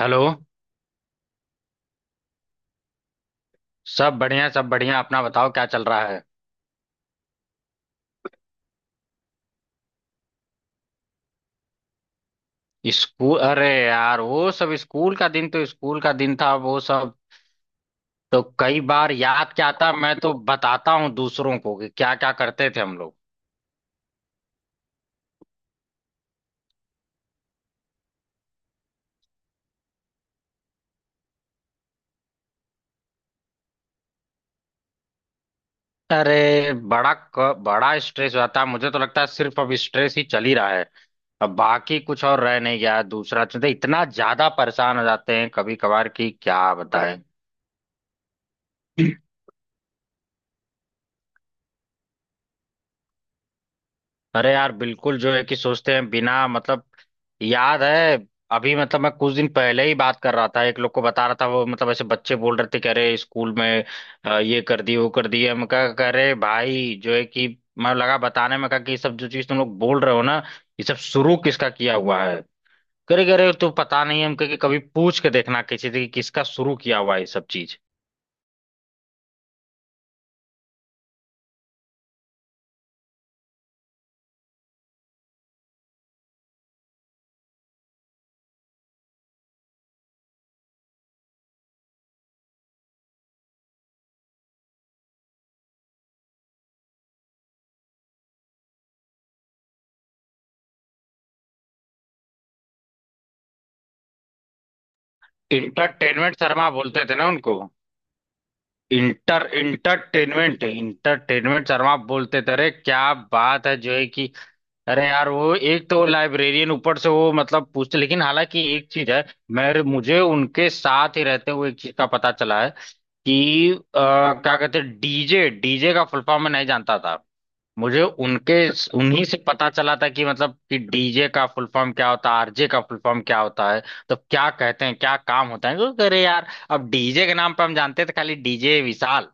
Hello. सब बढ़िया सब बढ़िया। अपना बताओ, क्या चल रहा है? स्कूल? अरे यार, वो सब स्कूल का दिन तो स्कूल का दिन था। वो सब तो कई बार याद क्या आता, मैं तो बताता हूँ दूसरों को कि क्या क्या करते थे हम लोग। अरे बड़ा बड़ा स्ट्रेस होता है। मुझे तो लगता है सिर्फ अब स्ट्रेस ही चल ही रहा है। अब बाकी कुछ और रह नहीं गया है। दूसरा चीज इतना ज्यादा परेशान हो जाते हैं कभी कभार कि क्या बताएं। अरे यार बिल्कुल जो है कि सोचते हैं, बिना मतलब। याद है, अभी मतलब मैं कुछ दिन पहले ही बात कर रहा था, एक लोग को बता रहा था। वो मतलब ऐसे बच्चे बोल रहे थे कि अरे स्कूल में ये कर दिए वो कर दिए। हम कहा, कह रहे भाई जो है कि मैं लगा बताने में, कहा कि ये सब जो चीज तुम लोग बोल रहे हो ना, ये सब शुरू किसका किया हुआ है? करे करे तो पता नहीं। हम कहे कि कभी पूछ के देखना किसी से कि किसका शुरू किया हुआ है ये सब चीज। इंटरटेनमेंट शर्मा बोलते थे ना उनको। इंटरटेनमेंट शर्मा आप बोलते थे। अरे क्या बात है जो है कि अरे यार वो एक तो लाइब्रेरियन, ऊपर से वो मतलब पूछते। लेकिन हालांकि एक चीज है, मेरे मुझे उनके साथ ही रहते हुए एक चीज का पता चला है कि क्या कहते हैं, डीजे, डीजे का फुल फॉर्म मैं नहीं जानता था। मुझे उनके, उन्हीं से पता चला था कि मतलब कि डीजे का फुल फॉर्म क्या होता है, आरजे का फुल फॉर्म क्या होता है, तो क्या कहते हैं, क्या काम होता है। तो अरे यार अब डीजे के नाम पे हम जानते थे खाली डीजे विशाल।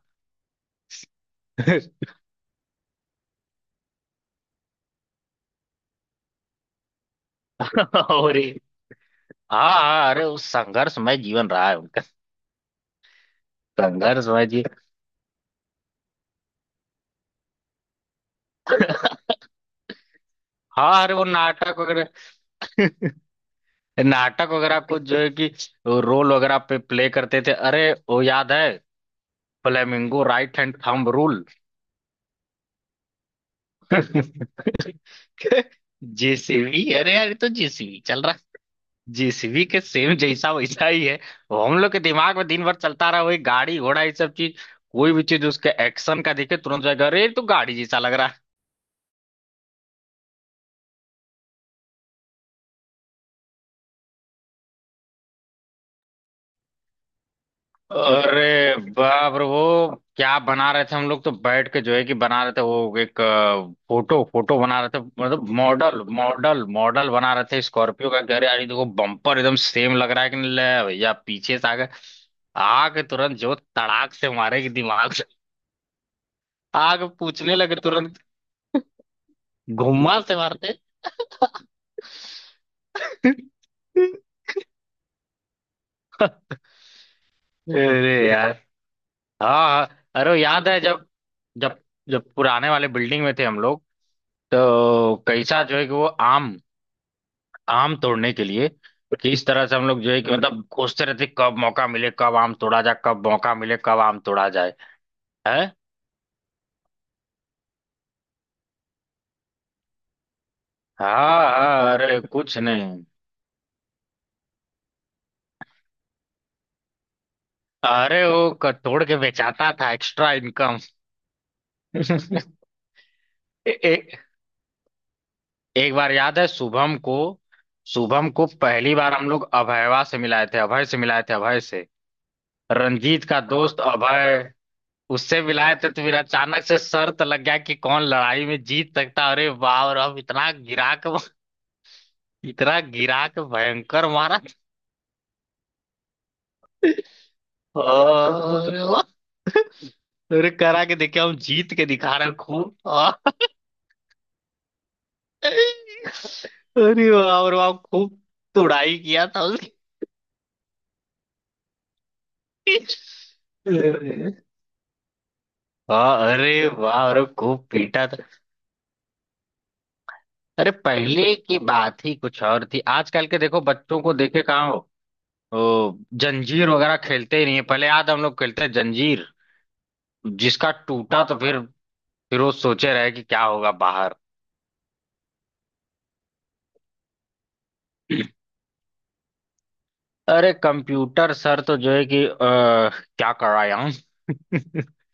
और हाँ हाँ, अरे उस संघर्षमय जीवन रहा है उनका। संघर्षमय जी। हाँ अरे वो नाटक वगैरह नाटक वगैरह कुछ जो है कि वो रोल वगैरह पे प्ले करते थे। अरे वो याद है flamingo right hand thumb rule. JCB अरे यार ये तो जेसीबी चल रहा। जेसीबी के सेम जैसा वैसा ही है। वो हम लोग के दिमाग में दिन भर चलता रहा वही गाड़ी घोड़ा ये सब चीज। कोई भी चीज उसके एक्शन का दिखे तुरंत जाएगा अरे ये तो गाड़ी जैसा लग रहा है। अरे बाप रे, वो क्या बना रहे थे। हम लोग तो बैठ के जो है कि बना रहे थे वो एक फोटो फोटो बना रहे थे। मतलब मॉडल मॉडल मॉडल बना रहे थे स्कॉर्पियो का। कह रहे यार ये देखो बम्पर एकदम सेम लग रहा है कि नहीं। ले भैया पीछे से आगे आके तुरंत जो तड़ाक से मारे कि दिमाग से, आगे पूछने लगे तुरंत, घुमा से मारते। अरे यार। हाँ हाँ, अरे वो याद है जब जब जब पुराने वाले बिल्डिंग में थे हम लोग। तो कैसा जो है कि वो आम, आम तोड़ने के लिए कि इस तरह से हम लोग जो है कि मतलब कोसते रहते, कब मौका मिले कब आम तोड़ा जाए, कब मौका मिले कब आम तोड़ा जाए है। हाँ हाँ अरे कुछ नहीं। अरे तोड़ के बेचाता था, एक्स्ट्रा इनकम। ए, ए, एक बार याद है शुभम को, शुभम को पहली बार हम लोग अभयवा से मिलाए थे, अभय से मिलाए थे, अभय से। रंजीत का दोस्त अभय। उससे मिलाए थे तो फिर अचानक से शर्त लग गया कि कौन लड़ाई में जीत सकता। अरे वाह! और अब इतना गिराक, इतना गिरा के भयंकर मारा। अरे वाह! अरे करा के देखे, हम जीत के दिखा रहे हैं खूब आह! अरे वाह और वाह खूब तुड़ाई किया था उसकी। अरे हाँ, अरे वाह अरे खूब पीटा था। अरे पहले की बात ही कुछ और थी, आजकल के देखो बच्चों को, देखे कहाँ हो। ओ, जंजीर वगैरह खेलते ही नहीं है। पहले याद, हम लोग खेलते हैं जंजीर, जिसका टूटा तो फिर वो सोचे रहे कि क्या होगा बाहर। अरे कंप्यूटर सर तो जो है कि क्या कराया हूँ।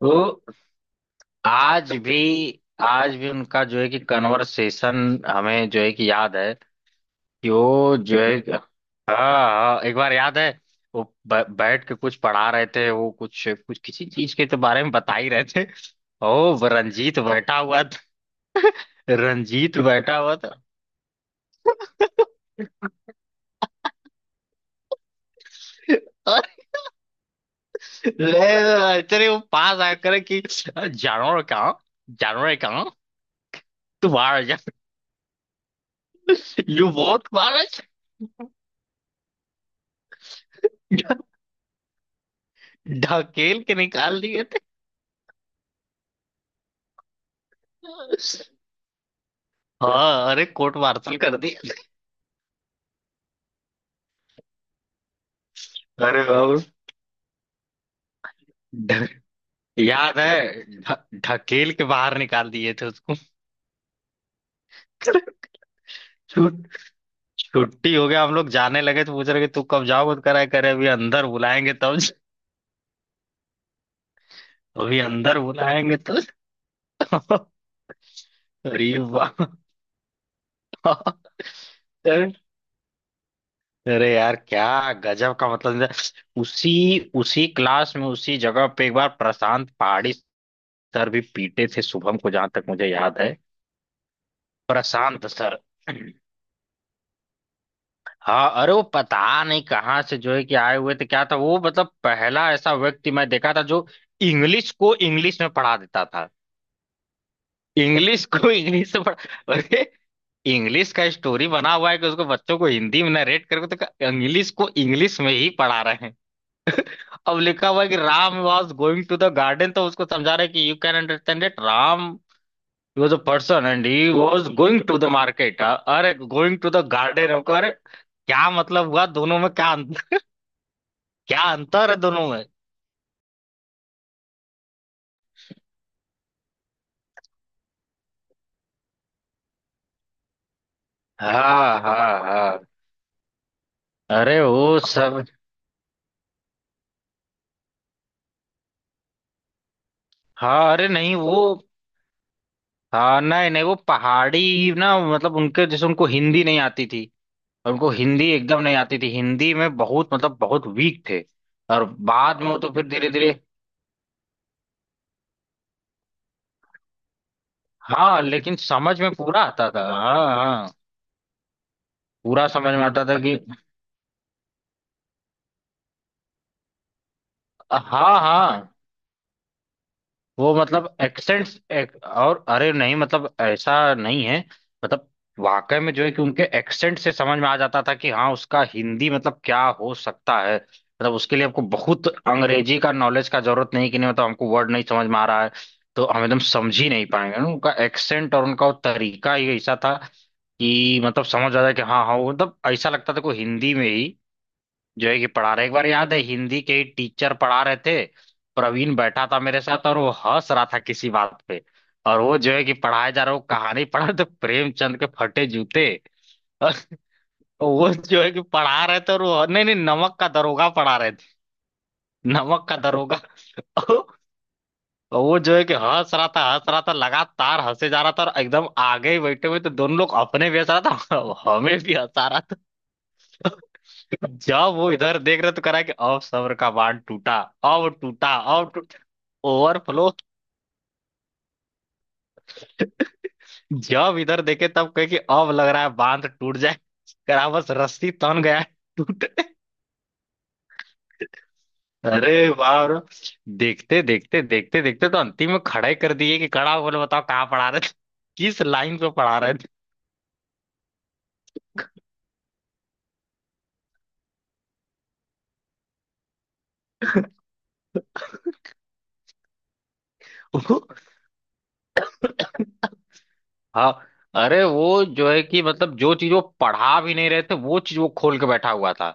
तो आज भी, आज भी उनका जो है कि कन्वर्सेशन हमें जो है कि याद है कि वो जो है हाँ हाँ एक बार याद है। वो बैठ के कुछ पढ़ा रहे थे, वो कुछ कुछ किसी चीज के तो बारे में बता ही रहे थे। ओ वो रंजीत बैठा हुआ था, रंजीत बैठा हुआ था। अरे ले, अरे वो पास आकर कि जानवर कहाँ, जानवर कहाँ तुम्हारा। जो बहुत बार ढकेल के निकाल दिए थे। हाँ अरे, कोर्ट मार्शल कर दिए। अरे बाबू, ढ- याद है ढकेल के बाहर निकाल दिए थे उसको। छुट छुट्टी हो गया, हम लोग जाने लगे तो पूछ रहे कि तू कब जाओगे। करा करे अभी अंदर बुलाएंगे तब अभी अंदर बुलाएंगे तो। अरे वाह। अरे यार क्या गजब का मतलब है। उसी उसी क्लास में उसी जगह पे एक बार प्रशांत पहाड़ी सर भी पीटे थे शुभम को, जहां तक मुझे याद है। प्रशांत सर। हाँ अरे वो पता नहीं कहाँ से जो है कि आए हुए थे। क्या था वो, मतलब पहला ऐसा व्यक्ति मैं देखा था जो इंग्लिश को इंग्लिश में पढ़ा देता था। इंग्लिश को इंग्लिश में पढ़ा। अरे इंग्लिश का स्टोरी बना हुआ है कि उसको बच्चों को हिंदी में नरेट करके, तो इंग्लिश को इंग्लिश में ही पढ़ा रहे हैं। अब लिखा हुआ है कि Ram was going to the garden, तो उसको समझा रहे हैं कि you can understand it Ram, He was a person and he was going to the market. अरे going to the garden हमको, अरे क्या मतलब हुआ, दोनों में क्या क्या अंतर है दोनों में? हाँ हाँ हाँ। अरे वो सब। हाँ अरे नहीं वो, हाँ नहीं नहीं वो पहाड़ी ना, मतलब उनके जैसे उनको हिंदी नहीं आती थी। उनको हिंदी एकदम नहीं आती थी, हिंदी में बहुत मतलब बहुत वीक थे। और बाद में वो तो फिर धीरे धीरे। हाँ लेकिन समझ में पूरा आता था, हाँ हाँ। पूरा समझ में आता था कि हाँ हाँ। वो मतलब एक्सेंट्स और अरे नहीं मतलब ऐसा नहीं है। मतलब वाकई में जो है कि उनके एक्सेंट से समझ में आ जाता था कि हाँ उसका हिंदी मतलब क्या हो सकता है। मतलब उसके लिए हमको बहुत अंग्रेजी का नॉलेज का जरूरत नहीं कि नहीं मतलब हमको वर्ड नहीं समझ में आ रहा है तो हम एकदम समझ ही नहीं पाएंगे ना। उनका एक्सेंट और उनका वो तरीका ही ऐसा था कि मतलब समझ आ जाए कि हाँ हाँ। वो मतलब ऐसा लगता था कोई हिंदी में ही जो है कि पढ़ा रहे। एक बार याद है हिंदी के ही टीचर पढ़ा रहे थे, प्रवीण बैठा था मेरे साथ और वो हंस रहा था किसी बात पे। और वो जो है कि पढ़ाए जा रहा वो कहानी पढ़ा तो प्रेमचंद के फटे जूते। और वो जो है कि पढ़ा रहे थे, और वो नहीं नहीं नमक का दरोगा पढ़ा रहे थे। नमक का दरोगा। और वो जो है कि हंस रहा था लगातार, हंसे जा रहा था, और एकदम आगे ही बैठे हुए, तो दोनों लोग अपने भी हंस रहा था और हमें भी हंसा रहा था। जब वो इधर देख रहे तो कह रहा है कि अब सब्र का बांध टूटा, अब टूटा, ओवरफ्लो। जब इधर देखे तब कहे कि अब लग रहा है बांध टूट जाए। करा बस रस्सी तन गया है, टूट। अरे बाप रे। देखते देखते तो अंतिम में खड़े कर दिए कि खड़ा बोले बताओ कहाँ पढ़ा रहे थे, किस लाइन पे पढ़ा रहे थे। हाँ अरे वो जो है कि मतलब जो चीज वो पढ़ा भी नहीं रहे थे वो चीज वो खोल के बैठा हुआ था।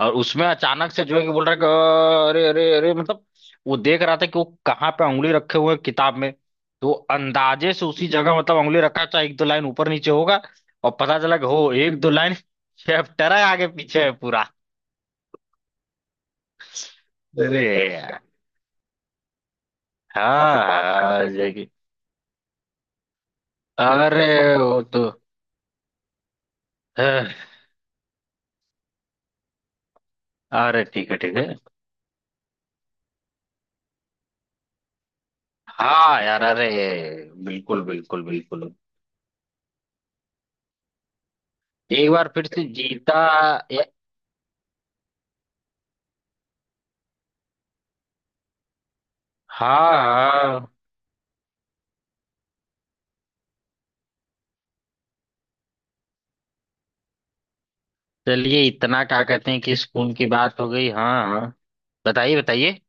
और उसमें अचानक से जो है कि बोल रहा है कि अरे अरे अरे मतलब वो देख रहा था कि वो कहाँ पे उंगली रखे हुए हैं किताब में, तो वो अंदाजे से उसी जगह मतलब उंगली रखा चाहे एक दो लाइन ऊपर नीचे होगा। और पता चला कि हो एक दो लाइन, चैप्टर है आगे पीछे है पूरा। अरे यार। हाँ जय की। अरे वो तो। अरे ठीक है ठीक है। हाँ यार, अरे बिल्कुल बिल्कुल बिल्कुल। एक बार फिर से जीता। ए- हाँ हाँ। चलिए इतना क्या कहते हैं कि स्कूल की बात हो गई, हाँ हाँ। बताइए बताइए।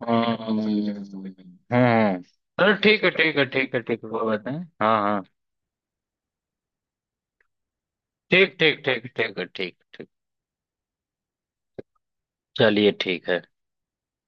हम्म हम्म। अरे ठीक है ठीक है ठीक है ठीक है, वो बताएं हाँ हाँ। ठीक ठीक ठीक, ठीक है ठीक ठीक। चलिए ठीक है।